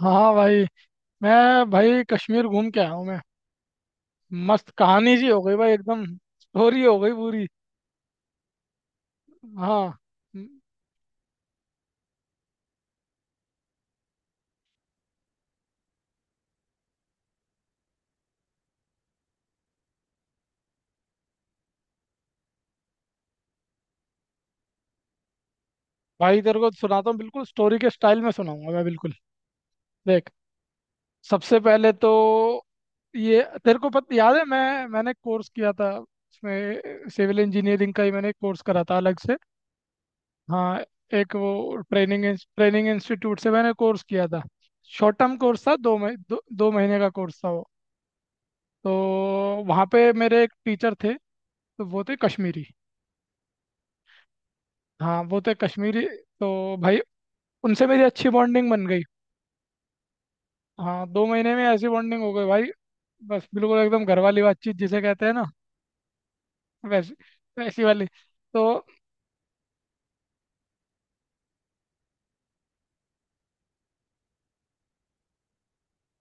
हाँ भाई। मैं भाई कश्मीर घूम के आया हूँ मैं। मस्त कहानी जी हो गई भाई एकदम। स्टोरी हो गई पूरी। हाँ म, भाई तेरे को सुनाता हूँ बिल्कुल स्टोरी के स्टाइल में सुनाऊंगा मैं बिल्कुल। देख, सबसे पहले तो ये तेरे को पता याद है, मैंने कोर्स किया था उसमें, सिविल इंजीनियरिंग का ही मैंने कोर्स करा था अलग से। हाँ, एक वो ट्रेनिंग ट्रेनिंग इंस्टीट्यूट से मैंने कोर्स किया था। शॉर्ट टर्म कोर्स था, दो महीने का कोर्स था वो। तो वहाँ पे मेरे एक टीचर थे, तो वो थे कश्मीरी। हाँ, वो थे कश्मीरी। तो भाई उनसे मेरी अच्छी बॉन्डिंग बन गई। हाँ, दो महीने में ऐसी बॉन्डिंग हो गई भाई, बस बिल्कुल एकदम घर वाली बातचीत जिसे कहते हैं ना, वैसी वैसी वाली। तो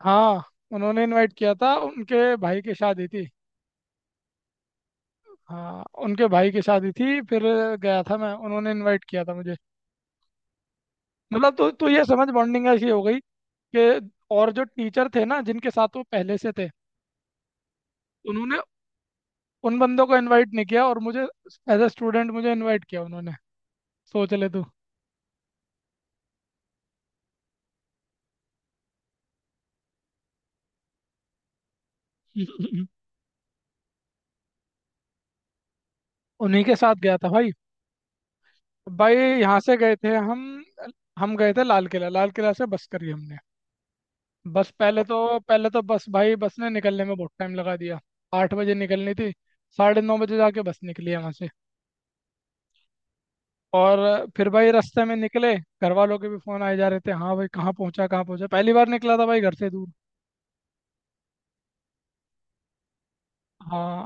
हाँ, उन्होंने इनवाइट किया था, उनके भाई की शादी थी। हाँ, उनके भाई की शादी थी, फिर गया था मैं, उन्होंने इनवाइट किया था मुझे। मतलब तो ये समझ, बॉन्डिंग ऐसी हो गई कि और जो टीचर थे ना जिनके साथ वो पहले से थे, उन्होंने उन बंदों को इनवाइट नहीं किया, और मुझे एज अ स्टूडेंट मुझे इनवाइट किया उन्होंने। सोच ले तू। उन्हीं के साथ गया था भाई। भाई यहाँ से गए थे हम। हम गए थे लाल किला, लाल किला से बस करी हमने। बस पहले तो, पहले तो बस भाई बस ने निकलने में बहुत टाइम लगा दिया। आठ बजे निकलनी थी, साढ़े नौ बजे जाके बस निकली है वहाँ से। और फिर भाई रास्ते में निकले, घर वालों के भी फोन आए जा रहे थे, हाँ भाई कहाँ पहुँचा कहाँ पहुँचा, पहली बार निकला था भाई घर से दूर। हाँ,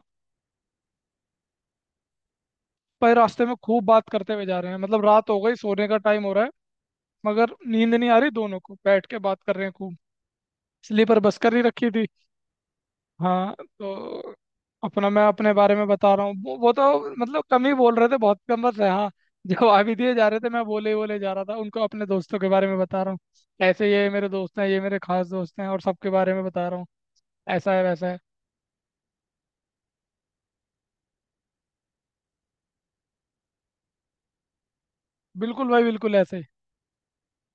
पर रास्ते में खूब बात करते हुए जा रहे हैं, मतलब रात हो गई, सोने का टाइम हो रहा है, मगर नींद नहीं आ रही, दोनों को बैठ के बात कर रहे हैं खूब। स्लीपर बस कर ही रखी थी। हाँ तो अपना, मैं अपने बारे में बता रहा हूँ, वो तो मतलब कम ही बोल रहे थे, बहुत कम बस है। हाँ, जवाब ही दिए जा रहे थे, मैं बोले ही बोले जा रहा था उनको, अपने दोस्तों के बारे में बता रहा हूँ, ऐसे ये मेरे दोस्त हैं, ये मेरे खास दोस्त हैं, और सबके बारे में बता रहा हूँ, ऐसा है वैसा है। बिल्कुल भाई, बिल्कुल ऐसे ही।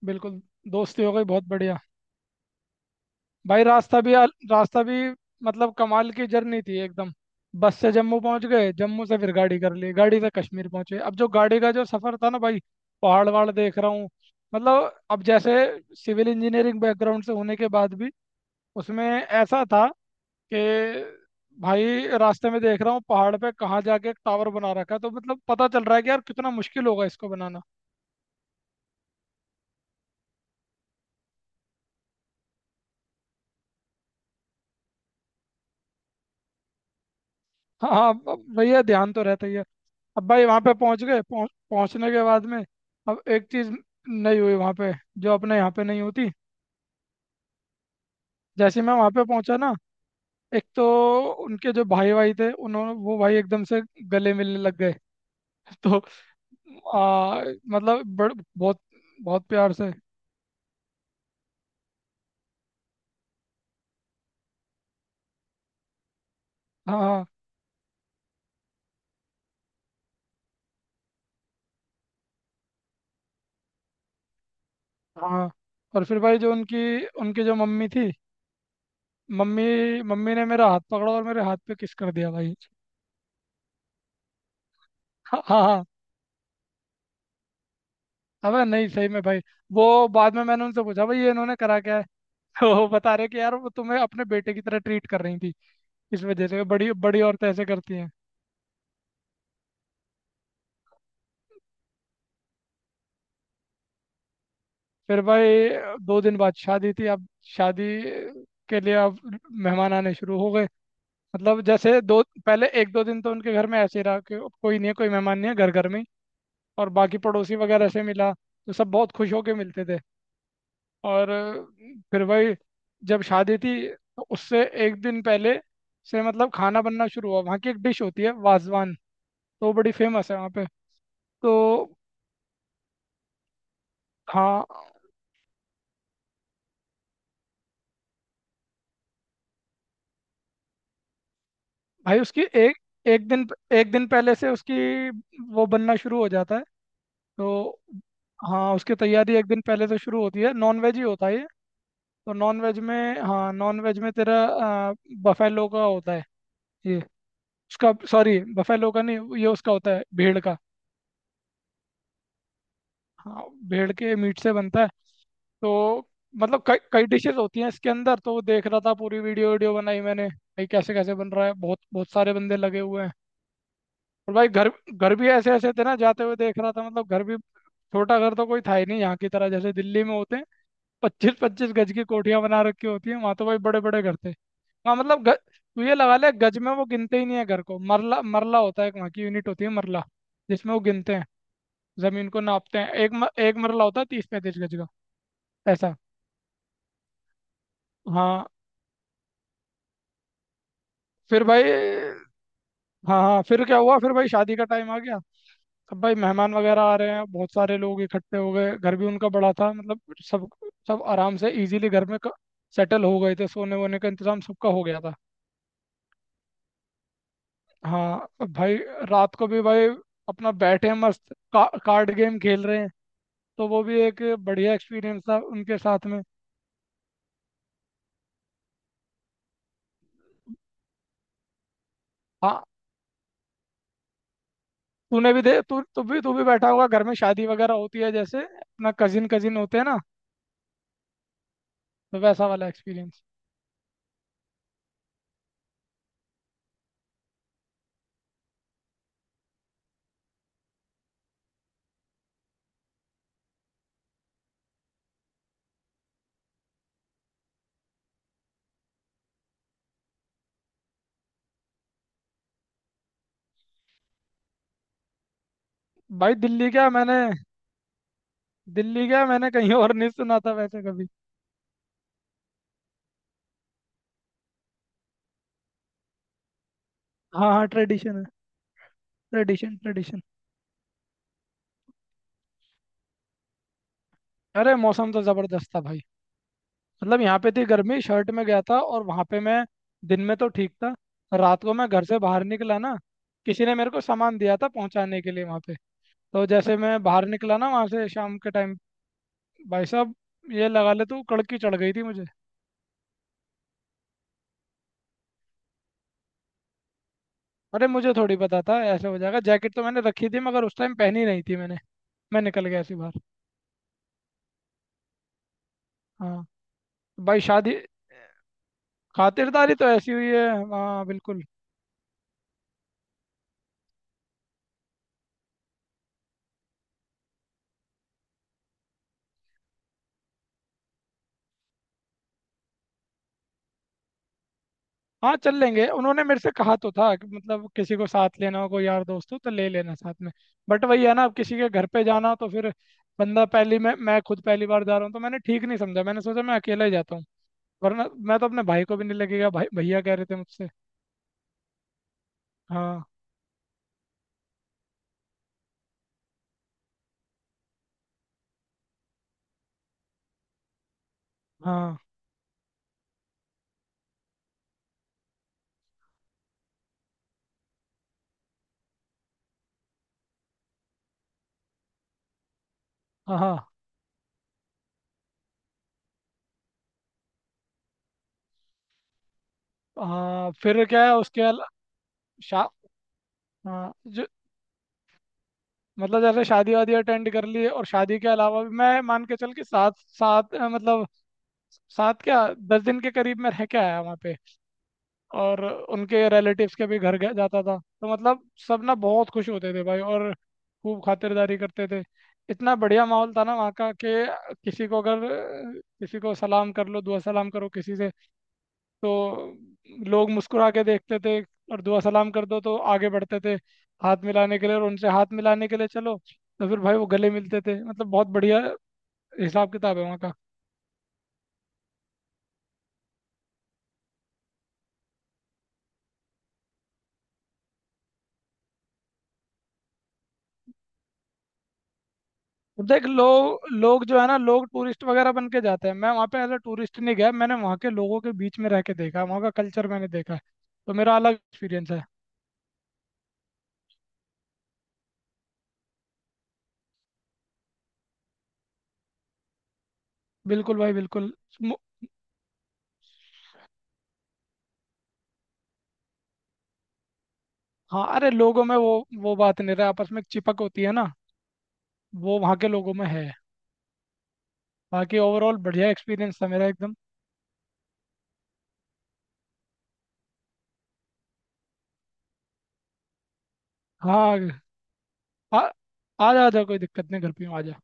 बिल्कुल दोस्ती हो गई बहुत बढ़िया। भाई रास्ता भी, मतलब कमाल की जर्नी थी एकदम। बस से जम्मू पहुंच गए, जम्मू से फिर गाड़ी कर ली, गाड़ी से कश्मीर पहुंचे। अब जो गाड़ी का जो सफर था ना भाई, पहाड़ वहाड़ देख रहा हूँ, मतलब अब जैसे सिविल इंजीनियरिंग बैकग्राउंड से होने के बाद भी उसमें ऐसा था कि भाई रास्ते में देख रहा हूँ, पहाड़ पे कहाँ जाके एक टावर बना रखा है, तो मतलब पता चल रहा है कि यार कितना मुश्किल होगा इसको बनाना। हाँ हाँ, अब भैया ध्यान तो रहता ही है। अब भाई वहां पे पहुंच गए, पहुंचने के बाद में अब एक चीज नहीं हुई वहां पे जो अपने यहाँ पे नहीं होती। जैसे मैं वहां पे पहुंचा ना, एक तो उनके जो भाई भाई थे उन्होंने, वो भाई एकदम से गले मिलने लग गए। तो आ, मतलब बड़, बहुत बहुत प्यार से। हाँ हाँ हाँ। और फिर भाई जो उनकी उनकी जो मम्मी थी, मम्मी मम्मी ने मेरा हाथ पकड़ा और मेरे हाथ पे किस कर दिया भाई। हाँ हाँ हाँ। अबे नहीं, सही में भाई। वो बाद में मैंने उनसे पूछा भाई ये इन्होंने करा क्या है, तो वो बता रहे कि यार वो तुम्हें अपने बेटे की तरह ट्रीट कर रही थी, इस वजह से बड़ी बड़ी औरतें ऐसे करती हैं। फिर भाई दो दिन बाद शादी थी। अब शादी के लिए अब मेहमान आने शुरू हो गए। मतलब जैसे दो पहले, एक दो दिन तो उनके घर में ऐसे ही रहा कि कोई नहीं है, कोई मेहमान नहीं है, घर घर में ही। और बाकी पड़ोसी वगैरह से मिला तो सब बहुत खुश होके मिलते थे। और फिर भाई जब शादी थी तो उससे एक दिन पहले से मतलब खाना बनना शुरू हुआ। वहाँ की एक डिश होती है वाजवान, तो वो बड़ी फेमस है वहाँ पे। तो हाँ भाई उसकी एक एक दिन एक दिन पहले से उसकी वो बनना शुरू हो जाता है। तो हाँ उसकी तैयारी एक दिन पहले से शुरू होती है। नॉन वेज ही होता है ये। तो नॉन वेज में, हाँ नॉन वेज में तेरा बफेलो का होता है ये, उसका, सॉरी बफेलो का नहीं, ये उसका होता है भेड़ का। हाँ, भेड़ के मीट से बनता है। तो मतलब कई कई डिशेस होती हैं इसके अंदर, तो वो देख रहा था पूरी वीडियो, बनाई मैंने भाई, कैसे कैसे बन रहा है, बहुत बहुत सारे बंदे लगे हुए हैं। और भाई घर घर भी ऐसे ऐसे थे ना, जाते हुए देख रहा था, मतलब घर भी, छोटा घर तो कोई था ही नहीं यहाँ की तरह जैसे दिल्ली में होते हैं, पच्चीस पच्चीस गज की कोठियां बना रखी होती हैं। वहां तो भाई बड़े बड़े घर थे वहाँ, तू ये लगा ले गज में वो गिनते ही नहीं है घर को, मरला, मरला होता है एक, वहाँ की यूनिट होती है मरला, जिसमें वो गिनते हैं, जमीन को नापते हैं। एक मरला होता है तीस पैंतीस गज का ऐसा। हाँ फिर भाई, हाँ हाँ फिर क्या हुआ, फिर भाई शादी का टाइम आ गया। सब भाई मेहमान वगैरह आ रहे हैं, बहुत सारे लोग इकट्ठे हो गए, घर भी उनका बड़ा था, मतलब सब सब आराम से इजीली घर में सेटल हो गए थे, सोने वोने का इंतजाम सबका हो गया था। हाँ, अब भाई रात को भी भाई अपना बैठे हैं मस्त, कार्ड गेम खेल रहे हैं, तो वो भी एक बढ़िया एक्सपीरियंस था उनके साथ में। हाँ, तूने भी दे तू तू भी बैठा होगा घर में, शादी वगैरह होती है जैसे अपना कजिन कजिन होते हैं ना, तो वैसा वाला एक्सपीरियंस। भाई दिल्ली क्या, मैंने कहीं और नहीं सुना था वैसे कभी। हाँ हाँ, ट्रेडिशन है, ट्रेडिशन ट्रेडिशन। अरे मौसम तो जबरदस्त था भाई, मतलब यहाँ पे थी गर्मी, शर्ट में गया था, और वहां पे मैं दिन में तो ठीक था, रात को मैं घर से बाहर निकला ना, किसी ने मेरे को सामान दिया था पहुंचाने के लिए वहां पे, तो जैसे मैं बाहर निकला ना वहां से शाम के टाइम, भाई साहब, ये लगा ले तू, कड़की चढ़ गई थी मुझे। अरे मुझे थोड़ी पता था ऐसे हो जाएगा, जैकेट तो मैंने रखी थी मगर उस टाइम पहनी नहीं थी मैंने। मैं निकल गया ऐसी बाहर। हाँ, भाई शादी, खातिरदारी तो ऐसी हुई है। हाँ बिल्कुल। हाँ, चल लेंगे, उन्होंने मेरे से कहा तो था कि मतलब किसी को साथ लेना हो, कोई यार दोस्त हो तो ले लेना साथ में, बट वही है ना, अब किसी के घर पे जाना हो तो फिर, बंदा पहली, मैं खुद पहली बार जा रहा हूँ, तो मैंने ठीक नहीं समझा, मैंने सोचा मैं अकेला ही जाता हूँ, वरना मैं तो अपने भाई को भी, नहीं लगेगा, भाई भैया कह रहे थे मुझसे। हाँ हाँ हाँ। हाँ हाँ, फिर क्या है उसके अला शा हाँ जो, मतलब जैसे शादी वादी अटेंड कर ली, और शादी के अलावा भी मैं मान के चल के सात सात अ, मतलब सात क्या दस दिन के करीब मैं रह के आया वहाँ पे। और उनके रिलेटिव्स के भी घर गया जाता था, तो मतलब सब ना बहुत खुश होते थे भाई और खूब खातिरदारी करते थे। इतना बढ़िया माहौल था ना वहाँ का कि किसी को अगर किसी को सलाम कर लो, दुआ सलाम करो किसी से, तो लोग मुस्कुरा के देखते थे, और दुआ सलाम कर दो तो आगे बढ़ते थे हाथ मिलाने के लिए, और उनसे हाथ मिलाने के लिए चलो तो फिर भाई वो गले मिलते थे, मतलब बहुत बढ़िया हिसाब किताब है वहाँ का। देख, लोग लोग जो है ना, लोग टूरिस्ट वगैरह बन के जाते हैं, मैं वहाँ पे एज अ टूरिस्ट नहीं गया, मैंने वहाँ के लोगों के बीच में रह के देखा है, वहाँ का कल्चर मैंने देखा है, तो मेरा अलग एक्सपीरियंस है। बिल्कुल भाई बिल्कुल। मु- हाँ अरे, लोगों में वो बात नहीं रहा, आपस में एक चिपक होती है ना, वो वहाँ के लोगों में है। बाकी ओवरऑल बढ़िया एक्सपीरियंस था मेरा एकदम। हाँ, आ, आ जा, कोई दिक्कत नहीं, घर पे हूँ, आ जा।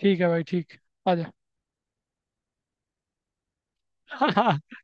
ठीक है भाई ठीक। आ जा।